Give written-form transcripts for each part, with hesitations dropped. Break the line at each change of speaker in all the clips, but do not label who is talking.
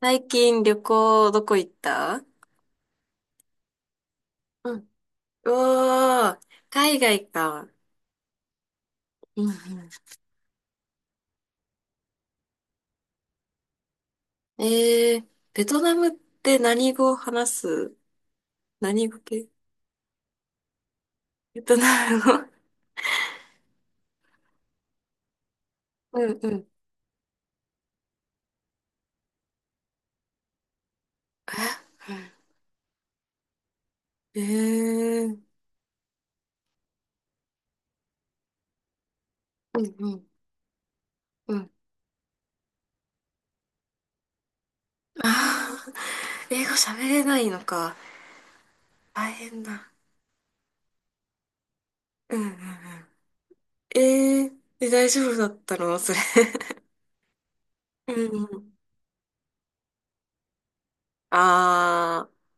最近旅行どこ行った？うん、うおー、海外か。うん、うん。えー、ベトナムって何語を話す？何語系？ベトナム語。うん、うん、ええー、うん、うん、うん。あー、英語喋れないのか。大変だ。うんうんうん。え、大丈夫だったのそれ？うん、うん、ああ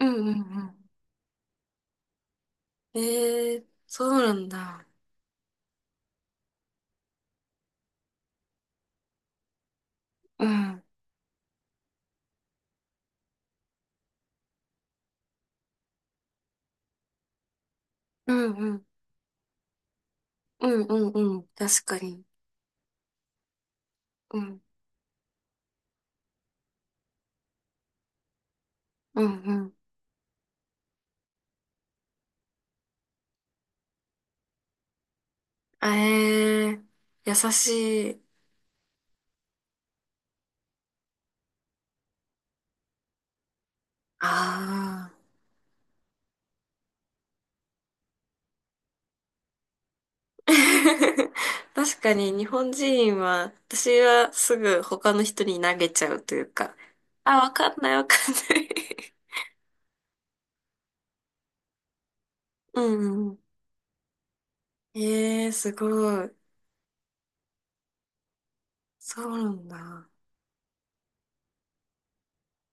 うん、うん、ええー、そうなんだ。うん。うんうん。うんうんうん。確かに。うん。うんうん。あえー、優しい。ああ。確かに日本人は、私はすぐ他の人に投げちゃうというか。あ、わかんないわかんない うんうん。ええー、すごい。そうなんだ。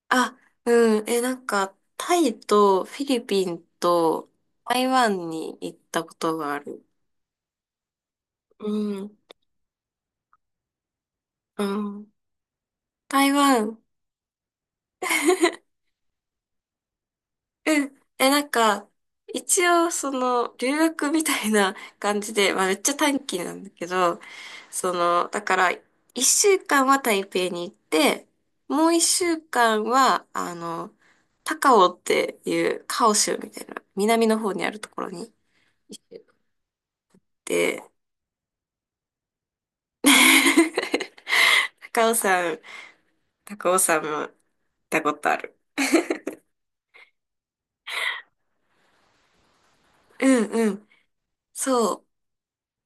あ、うん。え、なんか、タイとフィリピンと台湾に行ったことがある。うん。うん。台湾 うん。え、なんか、一応、留学みたいな感じで、まあ、めっちゃ短期なんだけど、だから、一週間は台北に行って、もう一週間は、高雄っていうカオ州みたいな、南の方にあるところに行って、高尾山、高尾山も行ったことある。うんうん。そう。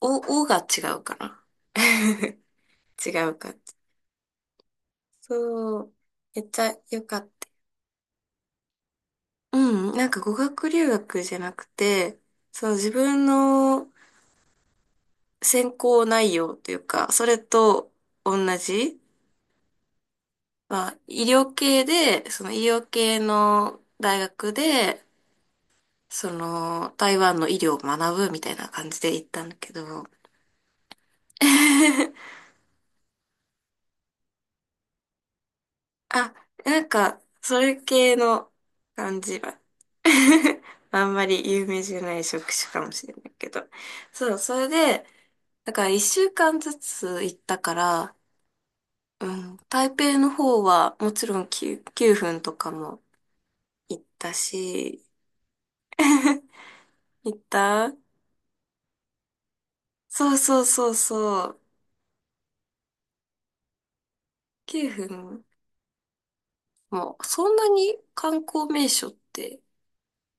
お、おが違うかな。違うか。そう、めっちゃ良かった。うん、なんか語学留学じゃなくて、そう、自分の専攻内容というか、それと同じ、まあ、医療系で、その医療系の大学で、台湾の医療を学ぶみたいな感じで行ったんだけど、あ、なんか、それ系の感じは、あんまり有名じゃない職種かもしれないけど、そう、それで、だから一週間ずつ行ったから、うん、台北の方はもちろん9、9分とかも行ったし、行ったそうそうそうそう。9分もうそんなに観光名所って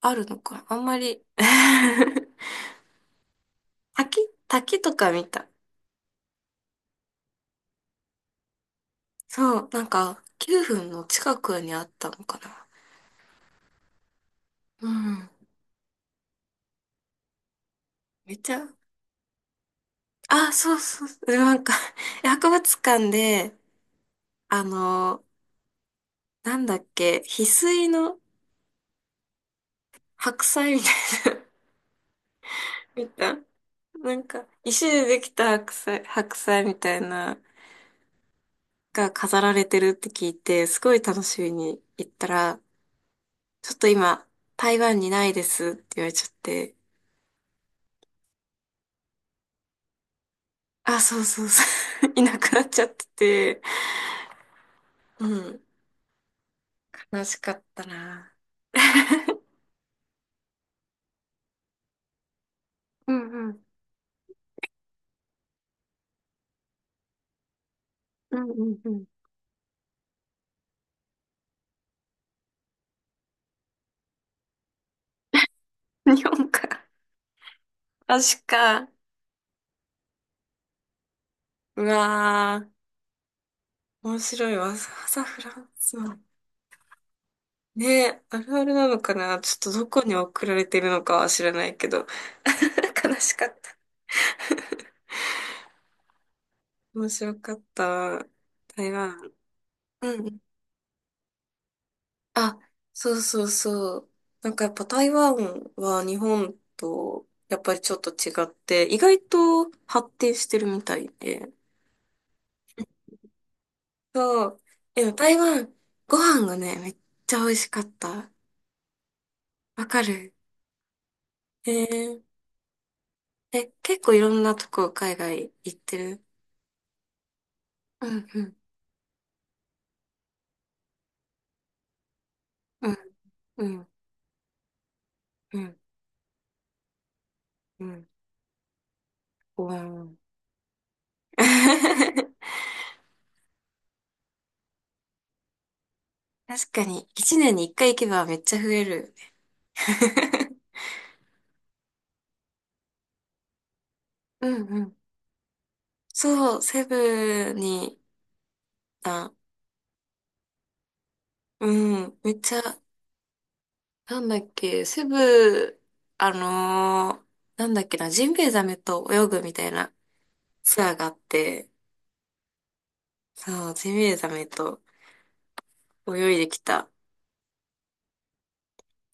あるのかなあんまり 滝滝とか見た。そう、なんか9分の近くにあったのかな。うん。めっちゃ、あ、そうそう、なんか 博物館で、あの、なんだっけ、翡翠の白菜みたいな 見たなんか、石でできた白菜、白菜みたいな、が飾られてるって聞いて、すごい楽しみに行ったら、ちょっと今、台湾にないですって言われちゃって、あ、そうそうそう いなくなっちゃってて、うん、悲しかったな。うんうん。うんうんうん。日本か。確か。うわー。面白いわ。わざわざフランスまね、あるあるなのかなちょっとどこに送られてるのかは知らないけど。悲しかった。面白かった。台湾。うんうん。あ、そうそうそう。なんかやっぱ台湾は日本とやっぱりちょっと違って、意外と発展してるみたいで。そう。でも台湾、ご飯がね、めっちゃ美味しかった。わかるえー、え、結構いろんなとこ海外行ってる？うんうん。うん、うん、うん。うん。うん。確かに、一年に一回行けばめっちゃ増えるよね。うんうん。そう、セブに、あ、うん、めっちゃ、なんだっけ、セブ、あのーなんだっけな、ジンベエザメと泳ぐみたいなツアーがあって、そう、ジンベエザメと泳いできた。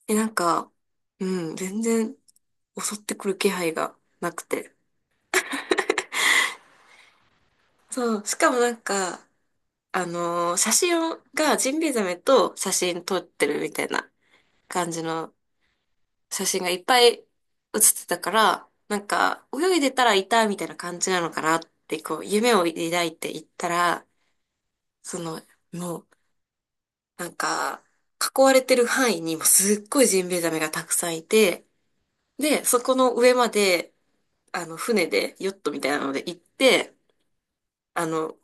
え、なんか、うん、全然襲ってくる気配がなくて。そう、しかもなんか、写真をがジンベエザメと写真撮ってるみたいな感じの写真がいっぱい写ってたから、なんか泳いでたらいたみたいな感じなのかなってこう夢を抱いていったら、そのもうなんか囲われてる範囲にもすっごいジンベエザメがたくさんいて、で、そこの上まで船でヨットみたいなので行って、あの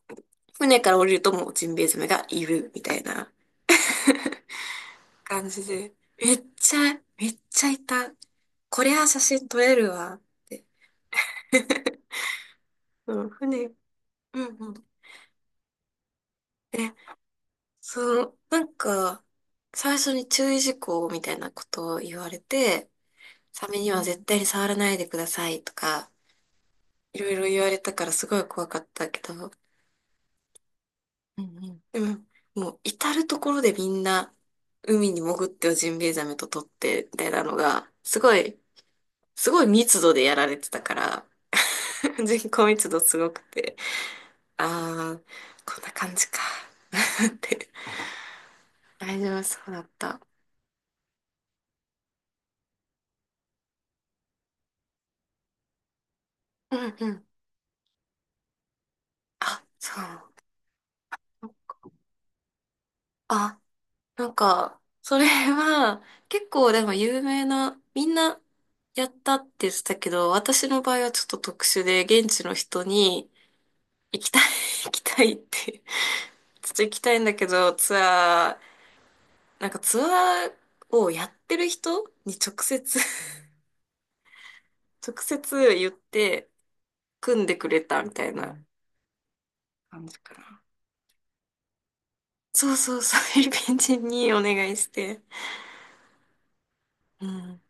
船から降りるともうジンベエザメがいるみたいな。感じで、めっちゃ、めっちゃいた。こりゃ写真撮れるわって。うん、船、うんうん。で、なんか、最初に注意事項みたいなことを言われて、サメには絶対に触らないでくださいとか、いろいろ言われたからすごい怖かったけど、うんうん。でも、もう至るところでみんな、海に潜ってはジンベエザメと撮って、みたいなのが、すごい、すごい密度でやられてたから、人口密度すごくて、ああ、こんな感じか。って。大丈夫そうだった。うんうん。あ、そう。あ、なんか、それは、結構でも有名な、みんなやったって言ってたけど、私の場合はちょっと特殊で、現地の人に、行きたい、行きたいって、ちょっと行きたいんだけど、ツアー、なんかツアーをやってる人に直接 直接言って、組んでくれたみたいな感じかな。そうそうそう、フィリピン人にお願いして。うん。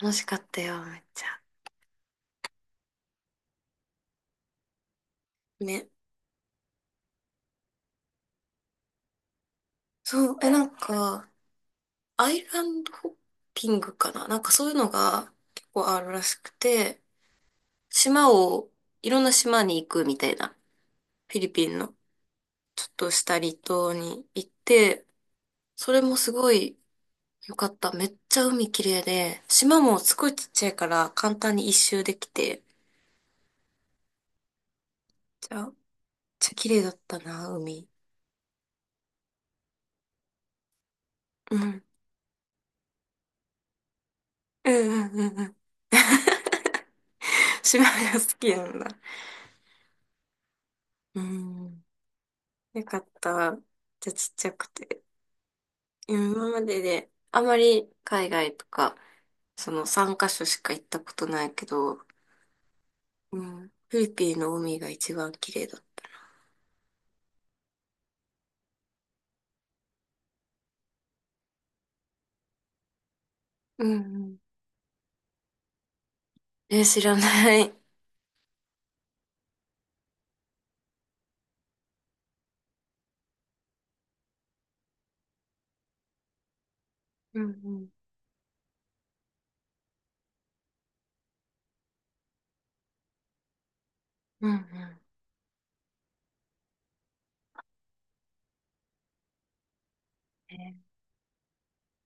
楽しかったよ、めっちゃ。ね。そう、え、なんか、アイランドホッピングかななんかそういうのが結構あるらしくて、島を、いろんな島に行くみたいな。フィリピンの、ちょっとした離島に行って、それもすごい良かった。めっちゃ海綺麗で、島もすごいちっちゃいから簡単に一周できて、じゃあちゃ綺麗だったな、海。うん。うんうんうんうん。島が好きなんだ。うん。よかった。じゃあちっちゃくて。今までで、あまり海外とか、その3カ所しか行ったことないけど、うん。フィリピンの海が一番綺麗だった。うんうん。え、知らない。うんうん。うんうん。えー